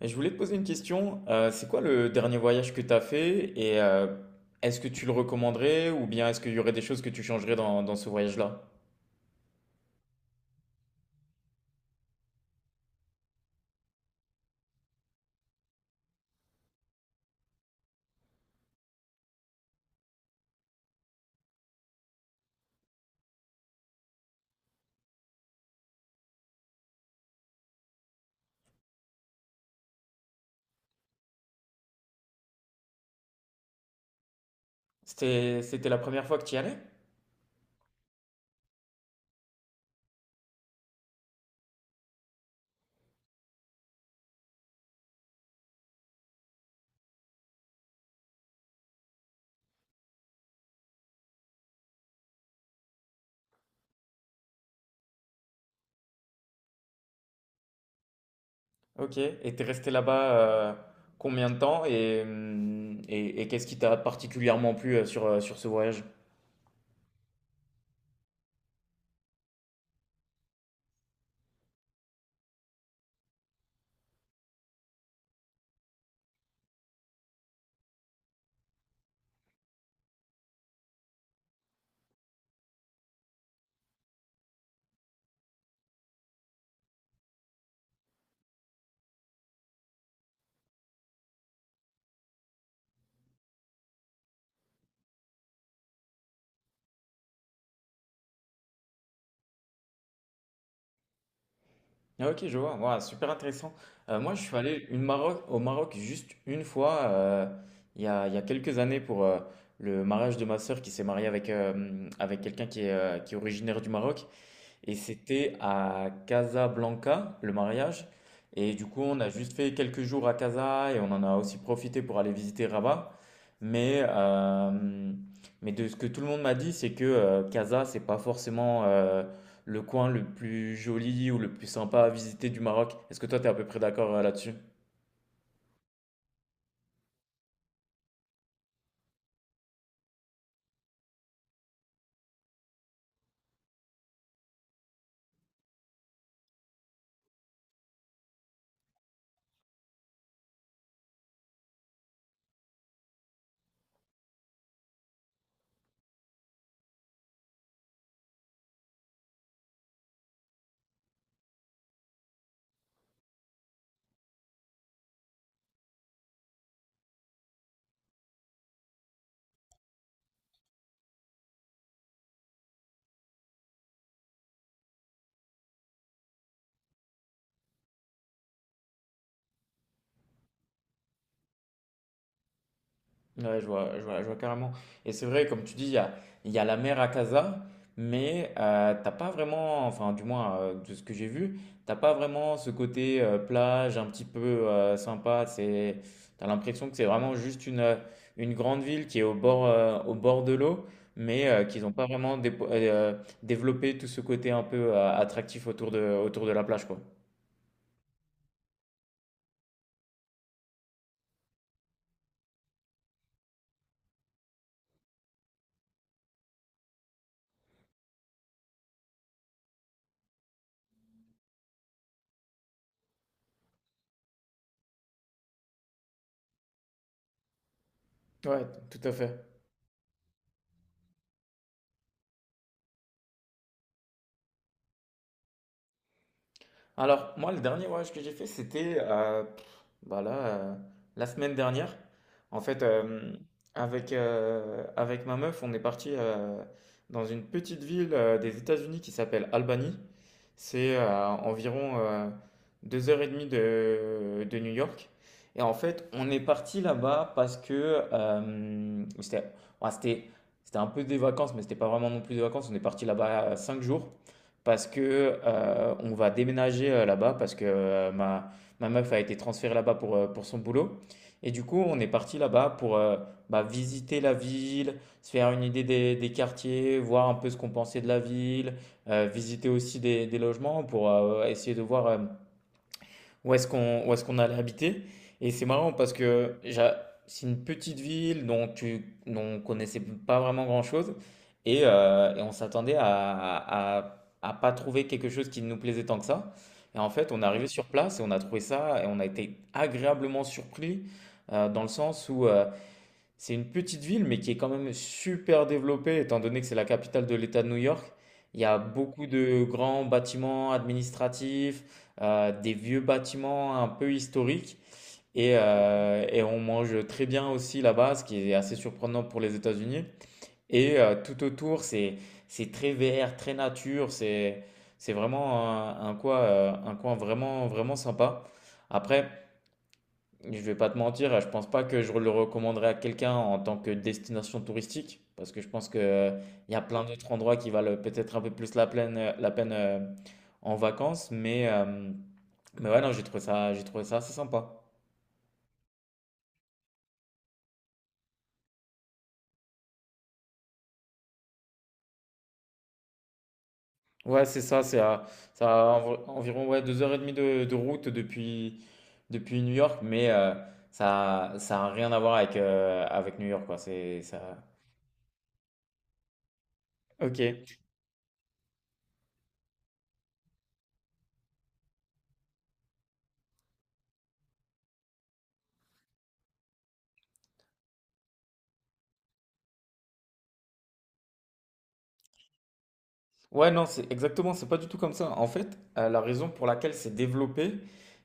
Je voulais te poser une question. C'est quoi le dernier voyage que tu as fait et est-ce que tu le recommanderais ou bien est-ce qu'il y aurait des choses que tu changerais dans ce voyage-là? C'était la première fois que tu y allais? Ok. Et t'es resté là-bas euh, combien de temps et qu'est-ce qui t'a particulièrement plu sur ce voyage? Ah, ok, je vois. Ouah, super intéressant. Moi, je suis allé au Maroc juste une fois, il y a quelques années, pour le mariage de ma sœur qui s'est mariée avec quelqu'un qui est originaire du Maroc. Et c'était à Casablanca, le mariage. Et du coup, on a juste fait quelques jours à Casa et on en a aussi profité pour aller visiter Rabat. Mais, euh, mais de ce que tout le monde m'a dit, c'est que Casa, c'est pas forcément le coin le plus joli ou le plus sympa à visiter du Maroc. Est-ce que toi, tu es à peu près d'accord là-dessus? Ouais, je vois, je vois, je vois carrément. Et c'est vrai, comme tu dis, il y a la mer à Casa, mais t'as pas vraiment, enfin, du moins, de ce que j'ai vu, t'as pas vraiment ce côté plage un petit peu sympa. T'as l'impression que c'est vraiment juste une grande ville qui est au bord de l'eau, mais qu'ils n'ont pas vraiment développé tout ce côté un peu attractif autour de la plage, quoi. Ouais, tout à fait. Alors, moi, le dernier voyage que j'ai fait, c'était bah là, la semaine dernière. En fait, avec ma meuf, on est parti dans une petite ville des États-Unis qui s'appelle Albany. C'est environ deux heures et demie de New York. Et en fait, on est parti là-bas parce que c'était ouais, c'était un peu des vacances, mais c'était pas vraiment non plus des vacances. On est parti là-bas 5 jours parce que on va déménager là-bas parce que ma meuf a été transférée là-bas pour son boulot. Et du coup, on est parti là-bas pour bah, visiter la ville, se faire une idée des quartiers, voir un peu ce qu'on pensait de la ville, visiter aussi des logements pour essayer de voir où est-ce qu'on allait habiter. Et c'est marrant parce que c'est une petite ville dont on connaissait pas vraiment grand-chose et, et on s'attendait à à pas trouver quelque chose qui nous plaisait tant que ça. Et en fait, on est arrivé sur place et on a trouvé ça et on a été agréablement surpris dans le sens où c'est une petite ville, mais qui est quand même super développée, étant donné que c'est la capitale de l'État de New York. Il y a beaucoup de grands bâtiments administratifs, des vieux bâtiments un peu historiques, et, et on mange très bien aussi là-bas, ce qui est assez surprenant pour les États-Unis. Et tout autour, c'est très vert, très nature, c'est vraiment un coin vraiment vraiment sympa. Après. Je vais pas te mentir, je pense pas que je le recommanderais à quelqu'un en tant que destination touristique, parce que je pense que il y a plein d'autres endroits qui valent peut-être un peu plus la peine en vacances, mais ouais, non, j'ai trouvé ça assez sympa. Ouais, c'est ça, ça a environ ouais, 2 h 30 de route depuis New York, mais ça a rien à voir avec New York, quoi. C'est ça. Ok. Ouais, non, c'est exactement, c'est pas du tout comme ça. En fait, la raison pour laquelle c'est développé,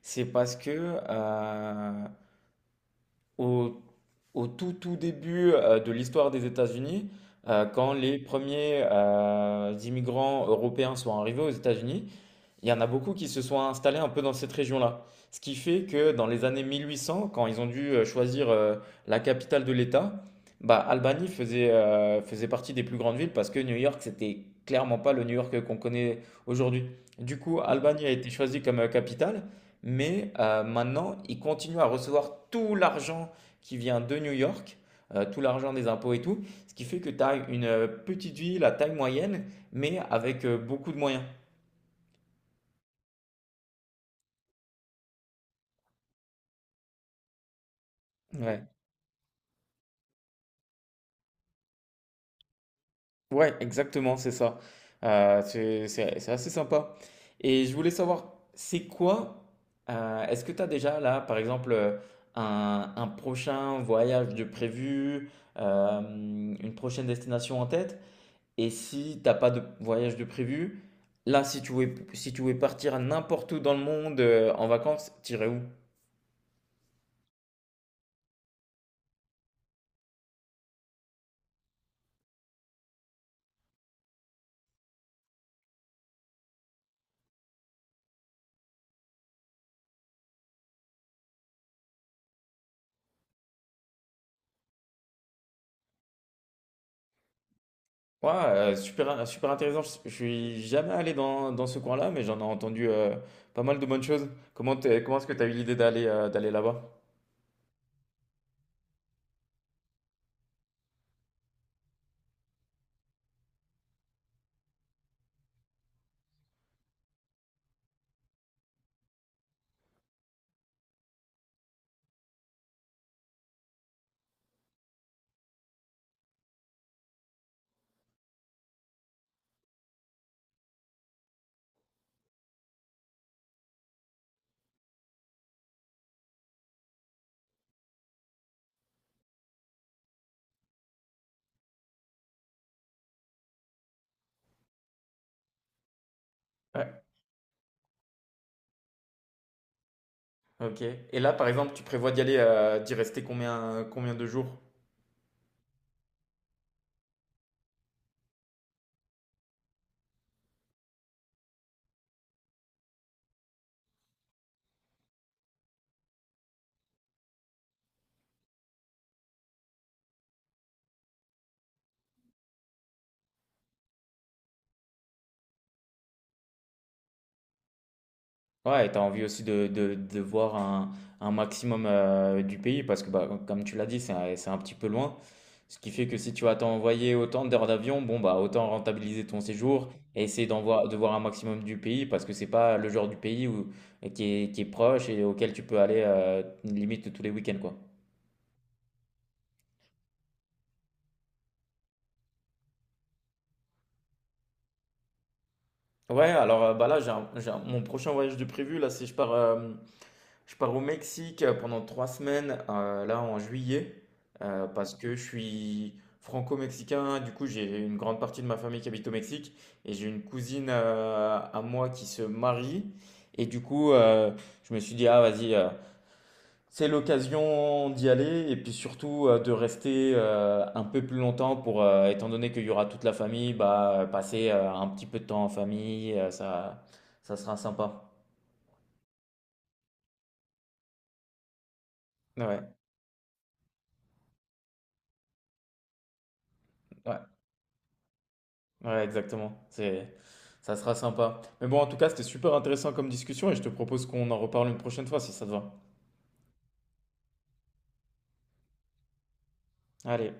c'est parce que euh, au, au tout tout début de l'histoire des États-Unis, quand les premiers immigrants européens sont arrivés aux États-Unis, il y en a beaucoup qui se sont installés un peu dans cette région-là. Ce qui fait que dans les années 1800, quand ils ont dû choisir la capitale de l'État, bah, Albany faisait partie des plus grandes villes parce que New York, c'était clairement pas le New York qu'on connaît aujourd'hui. Du coup, Albany a été choisie comme capitale, mais maintenant, ils continuent à recevoir tout l'argent qui vient de New York, tout l'argent des impôts et tout, ce qui fait que tu as une petite ville à taille moyenne, mais avec beaucoup de moyens. Ouais. Ouais, exactement, c'est ça. C'est assez sympa. Et je voulais savoir, c'est quoi, est-ce que tu as déjà là, par exemple, un prochain voyage de prévu, une prochaine destination en tête? Et si t'as pas de voyage de prévu, là, si tu voulais partir n'importe où dans le monde, en vacances, t'irais où? Ouais, super, super intéressant. Je suis jamais allé dans ce coin-là, mais j'en ai entendu pas mal de bonnes choses. Comment comment est-ce que tu as eu l'idée d'aller d'aller là-bas? Ouais, ok. Et là, par exemple, tu prévois d'y rester combien de jours? Ouais, et tu envie aussi de voir un maximum du pays parce que, bah, comme tu l'as dit, c'est un petit peu loin. Ce qui fait que si tu vas t'envoyer autant d'heures d'avion, bon, bah, autant rentabiliser ton séjour et essayer d'en voir, de voir un maximum du pays parce que c'est pas le genre du pays qui est proche et auquel tu peux aller limite tous les week-ends, quoi. Ouais, alors bah là, mon prochain voyage de prévu, là, c'est je pars au Mexique pendant 3 semaines, là en juillet, parce que je suis franco-mexicain. Du coup, j'ai une grande partie de ma famille qui habite au Mexique et j'ai une cousine à moi qui se marie. Et du coup, je me suis dit, ah vas-y, c'est l'occasion d'y aller et puis surtout de rester un peu plus longtemps pour, étant donné qu'il y aura toute la famille, bah, passer un petit peu de temps en famille, ça sera sympa. Ouais, ouais. Ouais, exactement. Ça sera sympa. Mais bon, en tout cas, c'était super intéressant comme discussion et je te propose qu'on en reparle une prochaine fois si ça te va. Allez.